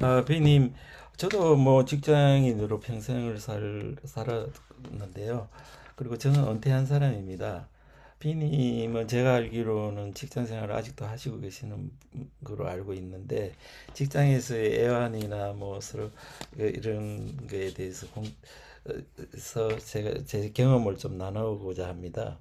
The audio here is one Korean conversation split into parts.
아, 비님, 저도 뭐 직장인으로 평생을 살, 살았는데요. 그리고 저는 은퇴한 사람입니다. 비님은 제가 알기로는 직장 생활을 아직도 하시고 계시는 걸로 알고 있는데, 직장에서의 애환이나 뭐 서로 이런 거에 대해서 어, 서 제가 제 경험을 좀 나누고자 합니다.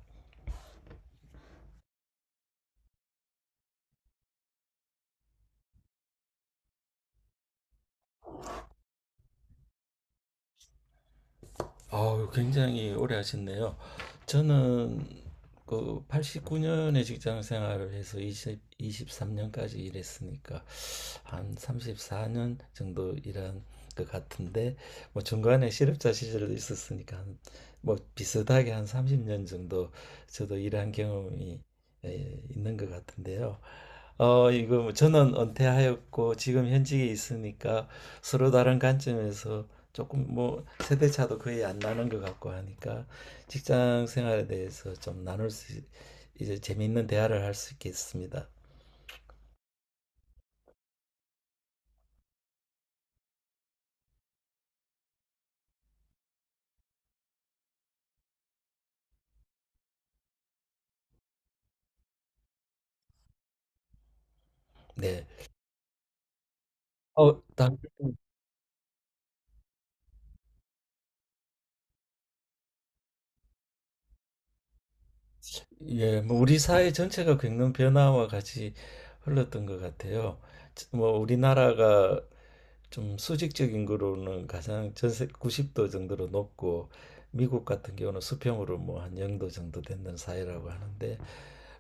아우, 굉장히 오래 하셨네요. 저는 그 89년에 직장 생활을 해서 2이십3년까지 일했으니까 한 34년 정도 일한 것 같은데, 뭐 중간에 실업자 시절도 있었으니까 한, 뭐 비슷하게 한 30년 정도 저도 일한 경험이 있는 것 같은데요. 이거 뭐 저는 은퇴하였고 지금 현직에 있으니까 서로 다른 관점에서 조금 뭐 세대 차도 거의 안 나는 것 같고 하니까 직장 생활에 대해서 좀 나눌 수 이제 재미있는 대화를 할 수 있겠습니다. 네. 어, 당, 예, 뭐 우리 사회 전체가 겪는 변화와 같이 흘렀던 것 같아요. 뭐 우리나라가 좀 수직적 인구로는 가장 전세 90도 정도로 높고, 미국 같은 경우는 수평으로 뭐 한 0도 정도 되는 사회라고 하는데,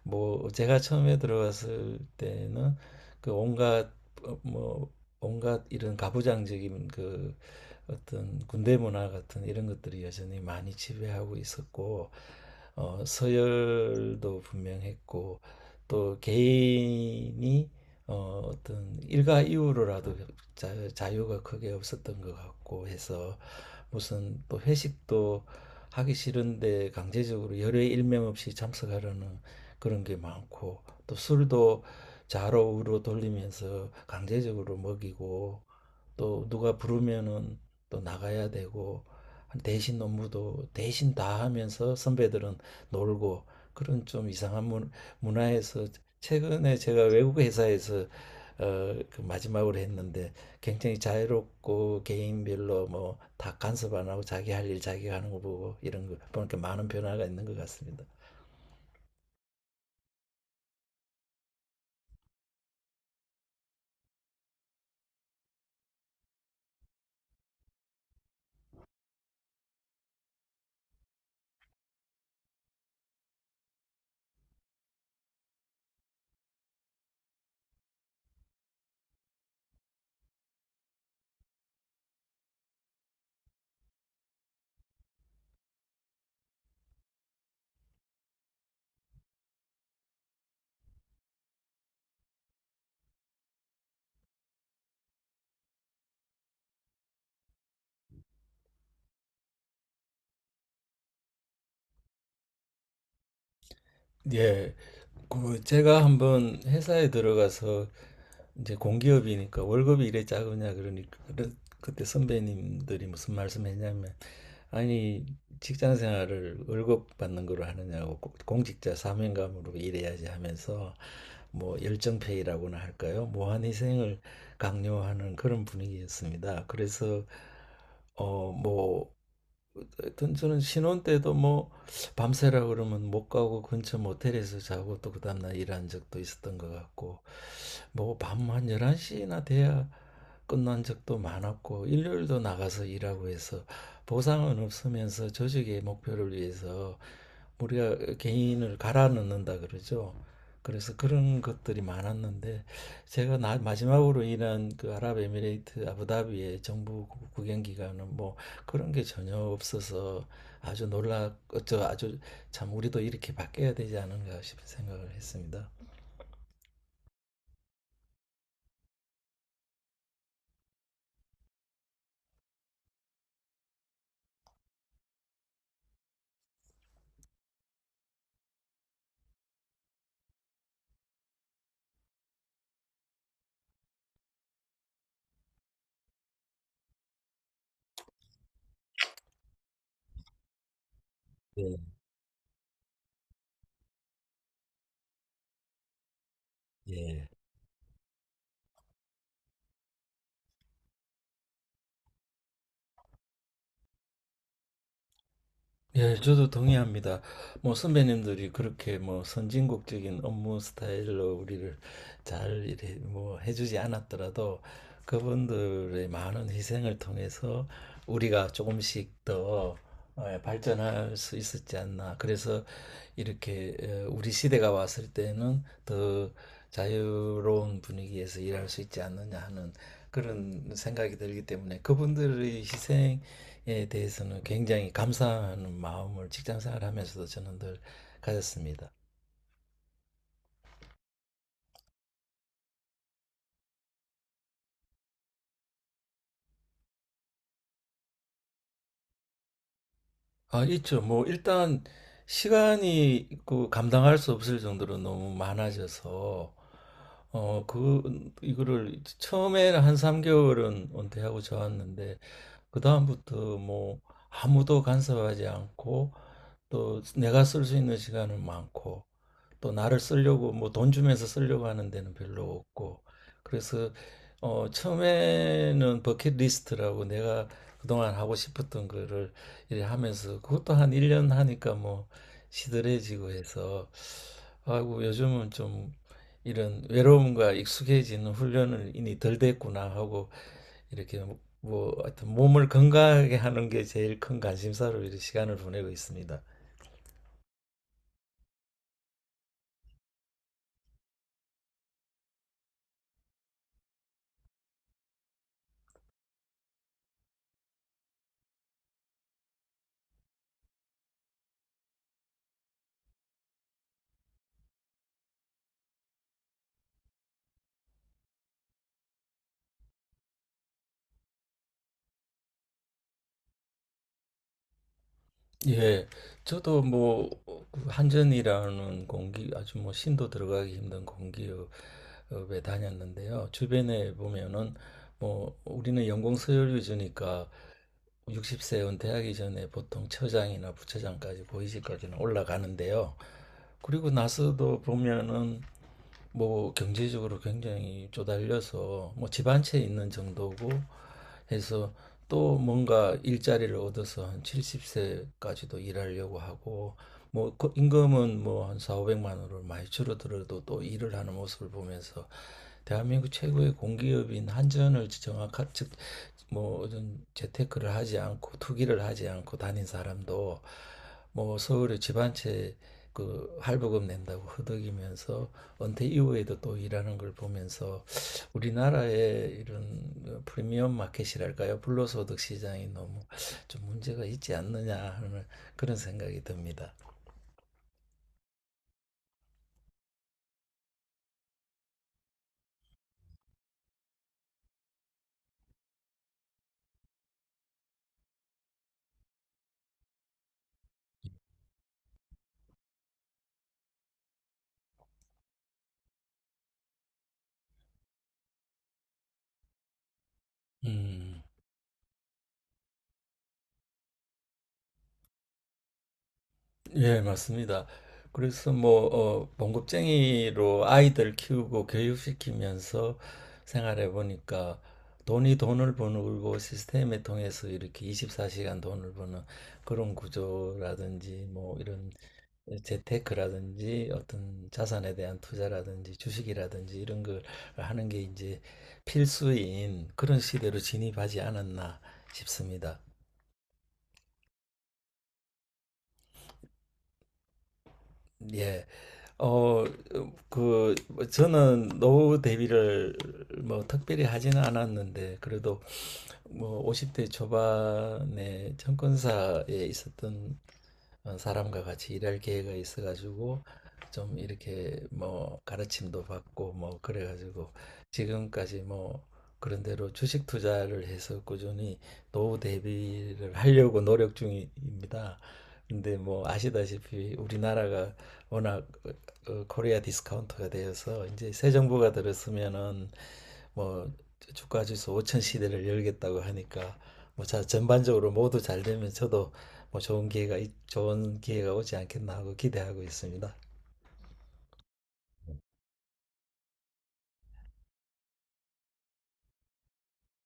뭐 제가 처음에 들어갔을 때는 그 온갖 어, 뭐 온갖 이런 가부장적인 그 어떤 군대 문화 같은 이런 것들이 여전히 많이 지배하고 있었고, 서열도 분명했고, 또 개인이 어떤 일가 이후로라도 자, 유가 크게 없었던 것 같고 해서, 무슨 또 회식도 하기 싫은데 강제적으로 열의 일명 없이 참석하려는 그런 게 많고, 또 술도 좌로 우로 돌리면서 강제적으로 먹이고, 또 누가 부르면은 또 나가야 되고, 대신 업무도 대신 다 하면서 선배들은 놀고, 그런 좀 이상한 문, 문화에서 최근에 제가 외국 회사에서 그 마지막으로 했는데, 굉장히 자유롭고 개인별로 뭐 다 간섭 안 하고 자기 할 일 자기가 하는 거 보고 이런 거 보니까 많은 변화가 있는 것 같습니다. 예, 그 제가 한번 회사에 들어가서 이제 공기업이니까 월급이 이래 작으냐 그러니까 그때 선배님들이 무슨 말씀했냐면, 아니, 직장 생활을 월급 받는 걸로 하느냐고, 공직자 사명감으로 일해야지 하면서 뭐 열정페이라고나 할까요? 무한희생을 강요하는 그런 분위기였습니다. 그래서 어뭐 하여튼 저는 신혼 때도 뭐 밤새라 그러면 못 가고 근처 모텔에서 자고 또 그 다음날 일한 적도 있었던 것 같고, 뭐 밤 한 11시나 돼야 끝난 적도 많았고, 일요일도 나가서 일하고 해서 보상은 없으면서 조직의 목표를 위해서 우리가 개인을 갈아 넣는다 그러죠. 그래서 그런 것들이 많았는데, 제가 마지막으로 일한 그 아랍에미레이트 아부다비의 정부 구경 기간은 뭐 그런 게 전혀 없어서 아주 놀라, 저 아주, 참 우리도 이렇게 바뀌어야 되지 않은가 싶은 생각을 했습니다. 네. 예. 예, 저도 동의합니다. 뭐 선배님들이 그렇게 뭐 선진국적인 업무 스타일로 우리를 잘 이래 뭐 해주지 않았더라도, 그분들의 많은 희생을 통해서 우리가 조금씩 더 발전할 수 있었지 않나. 그래서 이렇게 우리 시대가 왔을 때는 더 자유로운 분위기에서 일할 수 있지 않느냐 하는 그런 생각이 들기 때문에, 그분들의 희생 에 대해서는 굉장히 감사하는 마음을 직장 생활하면서도 저는 늘 가졌습니다. 아, 있죠. 뭐 일단 시간이 있고 감당할 수 없을 정도로 너무 많아져서, 그 이거를 처음에는 한 3개월은 은퇴하고 좋았는데, 그다음부터 뭐 아무도 간섭하지 않고, 또 내가 쓸 수 있는 시간은 많고, 또 나를 쓰려고 뭐 돈 주면서 쓰려고 하는 데는 별로 없고, 그래서 처음에는 버킷리스트라고 내가 그동안 하고 싶었던 거를 이래 하면서 그것도 한 1년 하니까 뭐 시들해지고 해서, 아이고 요즘은 좀 이런 외로움과 익숙해지는 훈련을 이미 덜 됐구나 하고, 이렇게 뭐 뭐 하여튼 몸을 건강하게 하는 게 제일 큰 관심사로 이렇게 시간을 보내고 있습니다. 예, 저도 뭐, 그 한전이라는 아주 뭐, 신도 들어가기 힘든 공기업에 다녔는데요. 주변에 보면은, 뭐, 우리는 연공서열 위주니까 60세 은퇴하기 전에 보통 처장이나 부처장까지, 보이직까지는 올라가는데요. 그리고 나서도 보면은 뭐 경제적으로 굉장히 쪼달려서 뭐 집 한 채 있는 정도고 해서, 또 뭔가 일자리를 얻어서 한 70세까지도 일하려고 하고, 뭐 그 임금은 뭐 한 4, 500만 원으로 많이 줄어들어도 또 일을 하는 모습을 보면서, 대한민국 최고의 공기업인 한전을 정확한 즉, 뭐 어떤 재테크를 하지 않고 투기를 하지 않고 다닌 사람도 뭐 서울에 집 한 채 그 할부금 낸다고 허덕이면서 은퇴 이후에도 또 일하는 걸 보면서, 우리나라의 이런 프리미엄 마켓이랄까요? 불로소득 시장이 너무 좀 문제가 있지 않느냐 하는 그런 생각이 듭니다. 음, 예, 맞습니다. 그래서 뭐, 봉급쟁이로 아이들 키우고 교육시키면서 생활해 보니까, 돈이 돈을 버는 시스템에 통해서 이렇게 24시간 돈을 버는 그런 구조라든지, 뭐 이런 재테크라든지 어떤 자산에 대한 투자라든지 주식이라든지 이런 걸 하는 게 이제 필수인 그런 시대로 진입하지 않았나 싶습니다. 예. 어, 뭐 저는 노후 대비를 뭐 특별히 하지는 않았는데, 그래도 뭐 50대 초반에 증권사에 있었던 사람과 같이 일할 기회가 있어가지고 좀 이렇게 뭐 가르침도 받고 뭐 그래가지고 지금까지 뭐 그런 대로 주식 투자를 해서 꾸준히 노후 대비를 하려고 노력 중입니다. 근데 뭐 아시다시피 우리나라가 워낙 코리아 디스카운트가 되어서 이제 새 정부가 들었으면은 뭐 주가 지수 5천 시대를 열겠다고 하니까, 뭐 자 전반적으로 모두 잘 되면 저도 뭐 좋은 기회가 좋은 기회가 오지 않겠나 하고 기대하고 있습니다.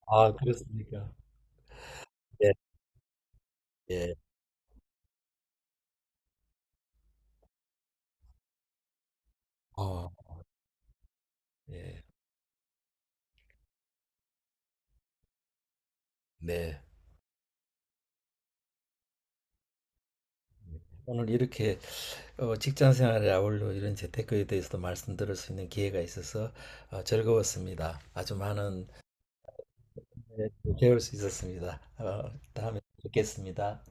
아, 그렇습니까? 예, 예, 어, 예, 네. 오늘 이렇게 직장 생활에 아울러 이런 재테크에 대해서도 말씀드릴 수 있는 기회가 있어서 즐거웠습니다. 아주 많은, 네, 배울 수 있었습니다. 다음에 뵙겠습니다.